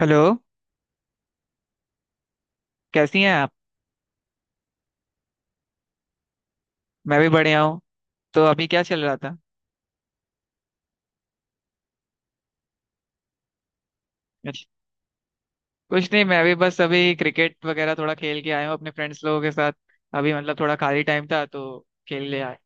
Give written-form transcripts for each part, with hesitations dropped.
Hello. कैसी हैं आप? मैं भी बढ़िया हूँ। तो अभी क्या चल रहा था? अच्छा। कुछ नहीं, मैं भी बस अभी क्रिकेट वगैरह थोड़ा खेल के आया हूँ अपने फ्रेंड्स लोगों के साथ। अभी मतलब थोड़ा खाली टाइम था तो खेल ले आए।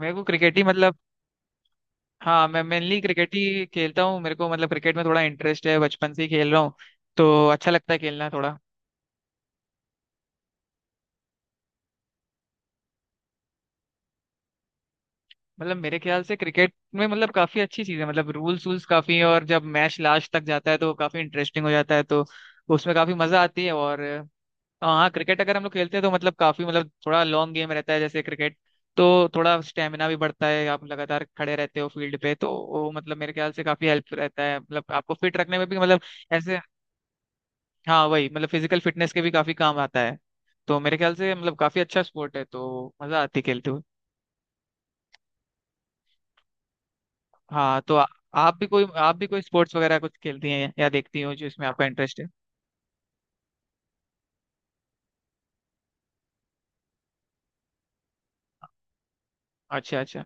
मेरे को क्रिकेट ही मतलब। हाँ, मैं मेनली क्रिकेट ही खेलता हूँ। मेरे को मतलब क्रिकेट में थोड़ा इंटरेस्ट है, बचपन से ही खेल रहा हूँ तो अच्छा लगता है खेलना थोड़ा। मतलब मेरे ख्याल से क्रिकेट में मतलब काफी अच्छी चीज़ है। मतलब रूल्स वूल्स काफी हैं, और जब मैच लास्ट तक जाता है तो काफी इंटरेस्टिंग हो जाता है, तो उसमें काफी मजा आती है। और हाँ, क्रिकेट अगर हम लोग खेलते हैं तो मतलब काफी मतलब थोड़ा लॉन्ग गेम रहता है जैसे क्रिकेट। तो थोड़ा स्टेमिना भी बढ़ता है, आप लगातार खड़े रहते हो फील्ड पे, तो वो मतलब मेरे ख्याल से काफी हेल्प रहता है, मतलब आपको फिट रखने में भी मतलब ऐसे। हाँ, वही मतलब फिजिकल फिटनेस के भी काफी काम आता है। तो मेरे ख्याल से मतलब काफी अच्छा स्पोर्ट है तो मजा आती है खेलते हुए। हाँ तो आप भी कोई स्पोर्ट्स वगैरह कुछ खेलती हैं या देखती हो जिसमें आपका इंटरेस्ट है? अच्छा अच्छा।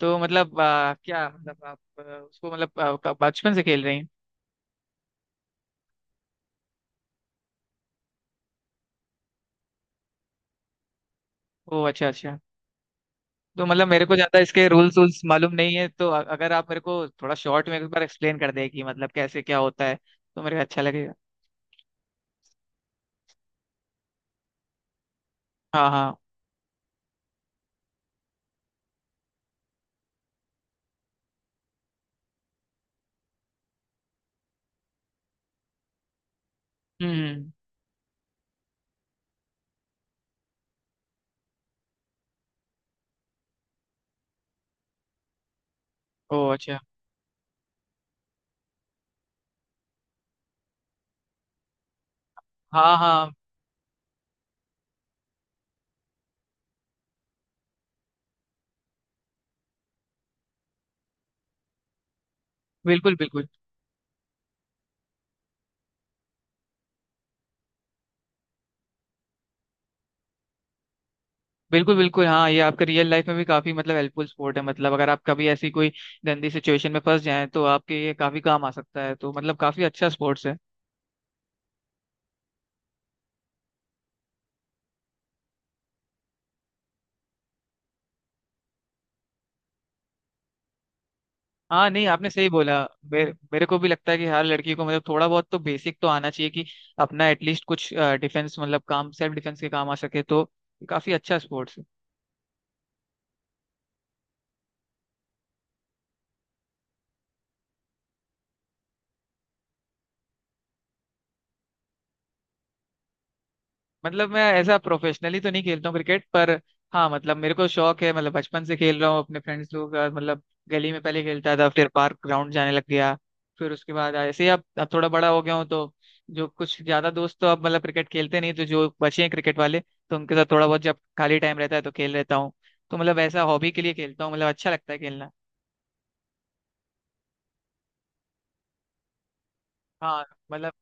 तो मतलब क्या मतलब आप उसको मतलब बचपन से खेल रही हैं? ओ अच्छा अच्छा। तो मतलब मेरे को ज्यादा इसके रूल्स रूल्स मालूम नहीं है, तो अगर आप मेरे को थोड़ा शॉर्ट में एक बार एक्सप्लेन कर दें कि मतलब कैसे क्या होता है तो मेरे को अच्छा लगेगा। हाँ हाँ। हम्म। ओ अच्छा। हाँ हाँ। बिल्कुल बिल्कुल। बिल्कुल बिल्कुल, हाँ, ये आपके रियल लाइफ में भी काफी मतलब हेल्पफुल स्पोर्ट है। मतलब अगर आप कभी ऐसी कोई गंदी सिचुएशन में फंस जाएं तो आपके ये काफी काम आ सकता है, तो मतलब काफी अच्छा स्पोर्ट्स है। हाँ नहीं, आपने सही बोला। मेरे को भी लगता है कि हर लड़की को मतलब थोड़ा बहुत तो बेसिक तो आना चाहिए, कि अपना एटलीस्ट कुछ डिफेंस मतलब काम, सेल्फ डिफेंस के काम आ सके तो काफी अच्छा स्पोर्ट्स। मतलब मैं ऐसा प्रोफेशनली तो नहीं खेलता हूँ क्रिकेट पर। हाँ मतलब मेरे को शौक है, मतलब बचपन से खेल रहा हूँ अपने फ्रेंड्स लोगों के साथ मतलब। गली में पहले खेलता था, फिर पार्क ग्राउंड जाने लग गया। फिर उसके बाद ऐसे ही अब थोड़ा बड़ा हो गया हूँ, तो जो कुछ ज्यादा दोस्त तो अब मतलब क्रिकेट खेलते नहीं, तो जो बचे हैं क्रिकेट वाले तो उनके साथ थोड़ा बहुत जब खाली टाइम रहता है तो खेल लेता हूँ। तो मतलब ऐसा हॉबी के लिए खेलता हूँ, मतलब अच्छा लगता है खेलना। हाँ मतलब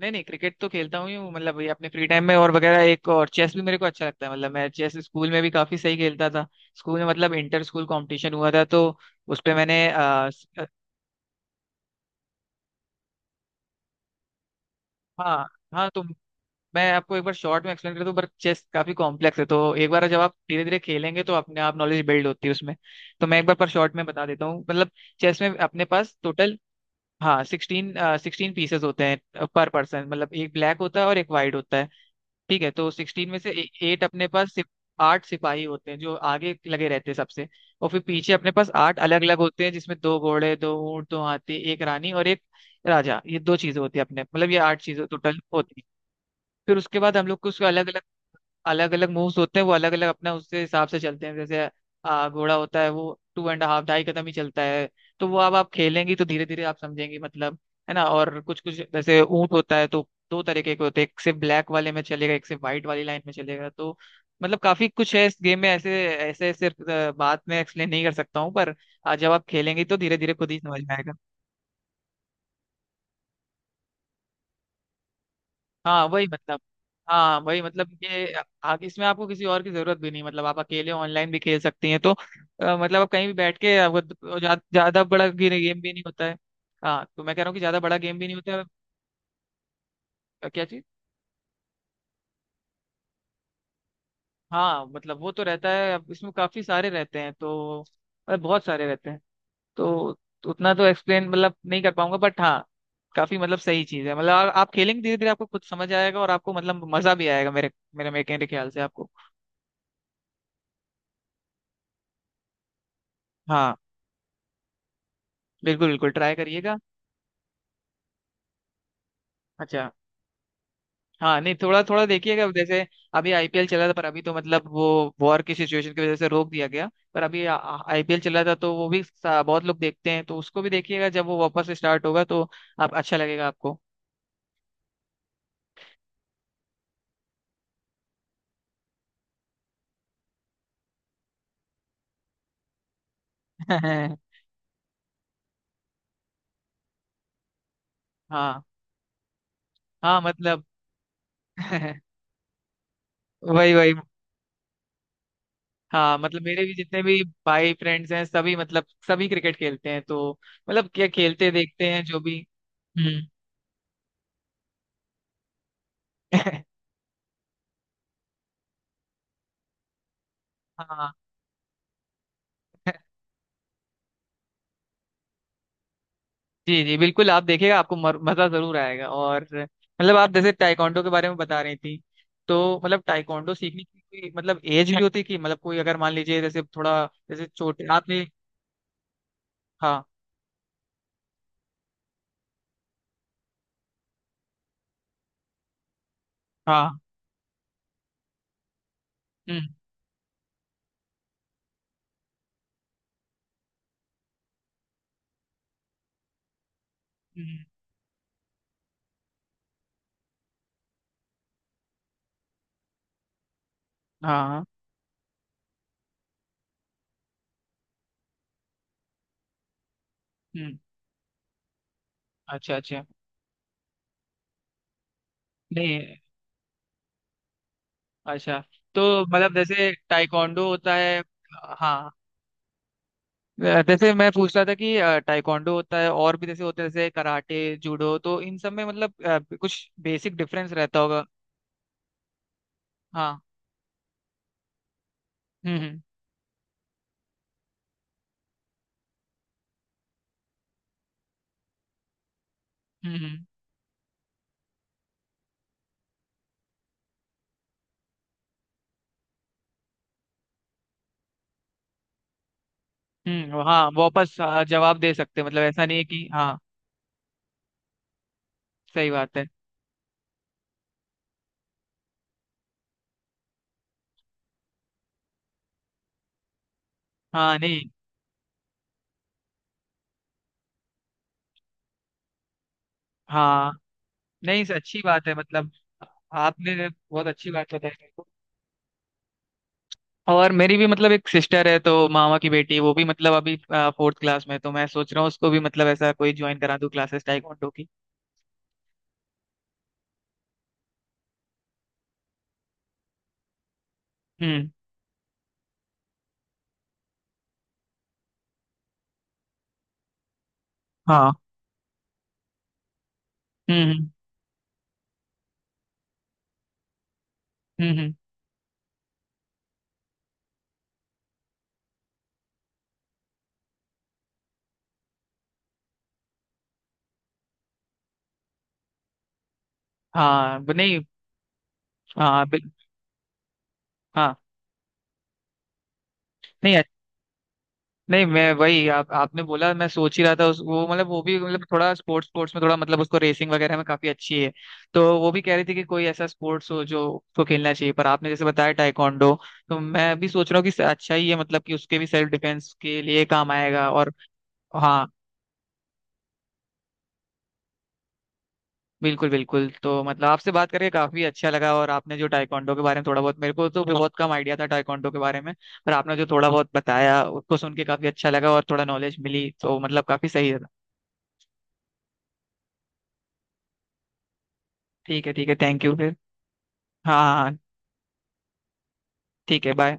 नहीं नहीं, क्रिकेट तो खेलता हूँ ही हूँ मतलब, ये अपने फ्री टाइम में, और वगैरह एक और चेस भी मेरे को अच्छा लगता है। मतलब मैं चेस स्कूल में भी काफी सही खेलता था। स्कूल में मतलब इंटर स्कूल कंपटीशन हुआ था, तो उस पे मैंने हाँ हाँ, तो मैं आपको एक बार शॉर्ट में एक्सप्लेन कर दूं, पर चेस काफी कॉम्प्लेक्स है, तो एक बार जब आप धीरे धीरे खेलेंगे तो अपने आप नॉलेज बिल्ड होती है उसमें। तो मैं एक बार पर शॉर्ट में बता देता हूँ मतलब, चेस में अपने पास टोटल, हाँ, सिक्सटीन सिक्सटीन पीसेस होते हैं पर पर्सन, मतलब एक ब्लैक होता है और एक वाइट होता है। ठीक है, तो 16 में से एट अपने पास सिप, आठ सिपाही होते हैं जो आगे लगे रहते हैं सबसे, और फिर पीछे अपने पास आठ अलग अलग होते हैं, जिसमें दो घोड़े, दो ऊंट, दो हाथी, एक रानी और एक राजा। ये दो चीजें होती है अपने मतलब, ये आठ चीजें टोटल होती है। फिर उसके बाद हम लोग को उसको अलग अलग अलग मूव्स होते हैं। वो अलग अलग अपना उसके हिसाब से चलते हैं, जैसे घोड़ा होता है वो टू एंड हाफ ढाई कदम ही चलता है। तो वो अब आप खेलेंगी तो धीरे धीरे आप समझेंगी मतलब, है ना? और कुछ कुछ जैसे ऊंट होता है तो दो तरीके के होते हैं, एक से ब्लैक वाले में चलेगा एक से व्हाइट वाली लाइन में चलेगा। तो मतलब काफी कुछ है इस गेम में ऐसे ऐसे ऐसे बात में एक्सप्लेन नहीं कर सकता हूँ, पर जब आप खेलेंगी तो धीरे धीरे खुद ही समझ में आएगा। हाँ वही मतलब हाँ वही मतलब, ये इसमें आपको किसी और की जरूरत भी नहीं, मतलब आप अकेले ऑनलाइन भी खेल सकती हैं, तो मतलब आप कहीं भी बैठ के आपको तो ज्यादा बड़ा गेम भी नहीं होता है। हाँ, तो मैं कह रहा हूँ कि ज्यादा बड़ा गेम भी नहीं होता है। क्या चीज? हाँ, मतलब वो तो रहता है, अब इसमें काफी सारे रहते हैं, तो मतलब बहुत सारे रहते हैं, तो उतना तो एक्सप्लेन मतलब नहीं कर पाऊंगा, बट हाँ, काफी मतलब सही चीज है मतलब, आप खेलेंगे धीरे धीरे आपको खुद समझ आएगा और आपको मतलब मजा भी आएगा मेरे मेरे मेरे मेरे ख्याल से आपको। हाँ, बिल्कुल बिल्कुल, ट्राई करिएगा। अच्छा। हाँ नहीं, थोड़ा थोड़ा देखिएगा, जैसे अभी आईपीएल चला था, पर अभी तो मतलब वो वॉर की सिचुएशन की वजह से रोक दिया गया, पर अभी आईपीएल चला था तो वो भी बहुत लोग देखते हैं तो उसको भी देखिएगा, जब वो वापस स्टार्ट होगा तो आप, अच्छा लगेगा आपको। हाँ हाँ, मतलब वही वही। हाँ मतलब मेरे भी जितने भी भाई फ्रेंड्स हैं, सभी मतलब सभी क्रिकेट खेलते हैं, तो मतलब क्या खेलते देखते हैं जो भी। हम्म। हाँ। जी जी बिल्कुल, आप देखिएगा आपको मजा जरूर आएगा। और मतलब आप जैसे टाइकोंडो के बारे में बता रही थी, तो मतलब टाइकोंडो सीखने की कोई मतलब एज भी होती है कि मतलब कोई अगर मान लीजिए जैसे थोड़ा, जैसे छोटे आपने... हाँ हाँ। हम्म हम्म। हाँ हाँ। हम्म। अच्छा अच्छा। नहीं, अच्छा, तो मतलब जैसे टाइकोंडो होता है, हाँ, जैसे मैं पूछ रहा था कि टाइकोंडो होता है और भी जैसे होते हैं जैसे कराटे, जूडो, तो इन सब में मतलब कुछ बेसिक डिफरेंस रहता होगा? हाँ। हम्म हम्म। हम्म हम्म हाँ वापस जवाब दे सकते हैं। मतलब ऐसा नहीं है कि। हाँ, सही बात है। हाँ नहीं, हाँ नहीं सर, अच्छी बात है, मतलब आपने बहुत अच्छी बात बताई मेरे को। और मेरी भी मतलब एक सिस्टर है, तो मामा की बेटी, वो भी मतलब अभी फोर्थ क्लास में है, तो मैं सोच रहा हूँ उसको भी मतलब ऐसा कोई ज्वाइन करा दूँ क्लासेस टाइकोंडो की। हम्म। हाँ। हम्म। हम्म। हाँ नहीं। हाँ हाँ नहीं। नहीं, मैं वही, आप आपने बोला, मैं सोच ही रहा था, उस वो मतलब वो भी मतलब थोड़ा स्पोर्ट्स स्पोर्ट्स में थोड़ा मतलब उसको रेसिंग वगैरह में काफी अच्छी है। तो वो भी कह रही थी कि कोई ऐसा स्पोर्ट्स हो जो उसको खेलना चाहिए, पर आपने जैसे बताया टाइकोंडो, तो मैं भी सोच रहा हूँ कि अच्छा ही है मतलब, कि उसके भी सेल्फ डिफेंस के लिए काम आएगा, और हाँ बिल्कुल बिल्कुल, तो मतलब आपसे बात करके काफी अच्छा लगा, और आपने जो टाइकोंडो के बारे में थोड़ा बहुत, मेरे को तो बहुत कम आइडिया था टाइकोंडो के बारे में, पर आपने जो थोड़ा बहुत बताया उसको सुन के काफी अच्छा लगा और थोड़ा नॉलेज मिली, तो मतलब काफी सही था। ठीक है, ठीक है, थैंक यू फिर। हाँ हाँ। ठीक है, बाय।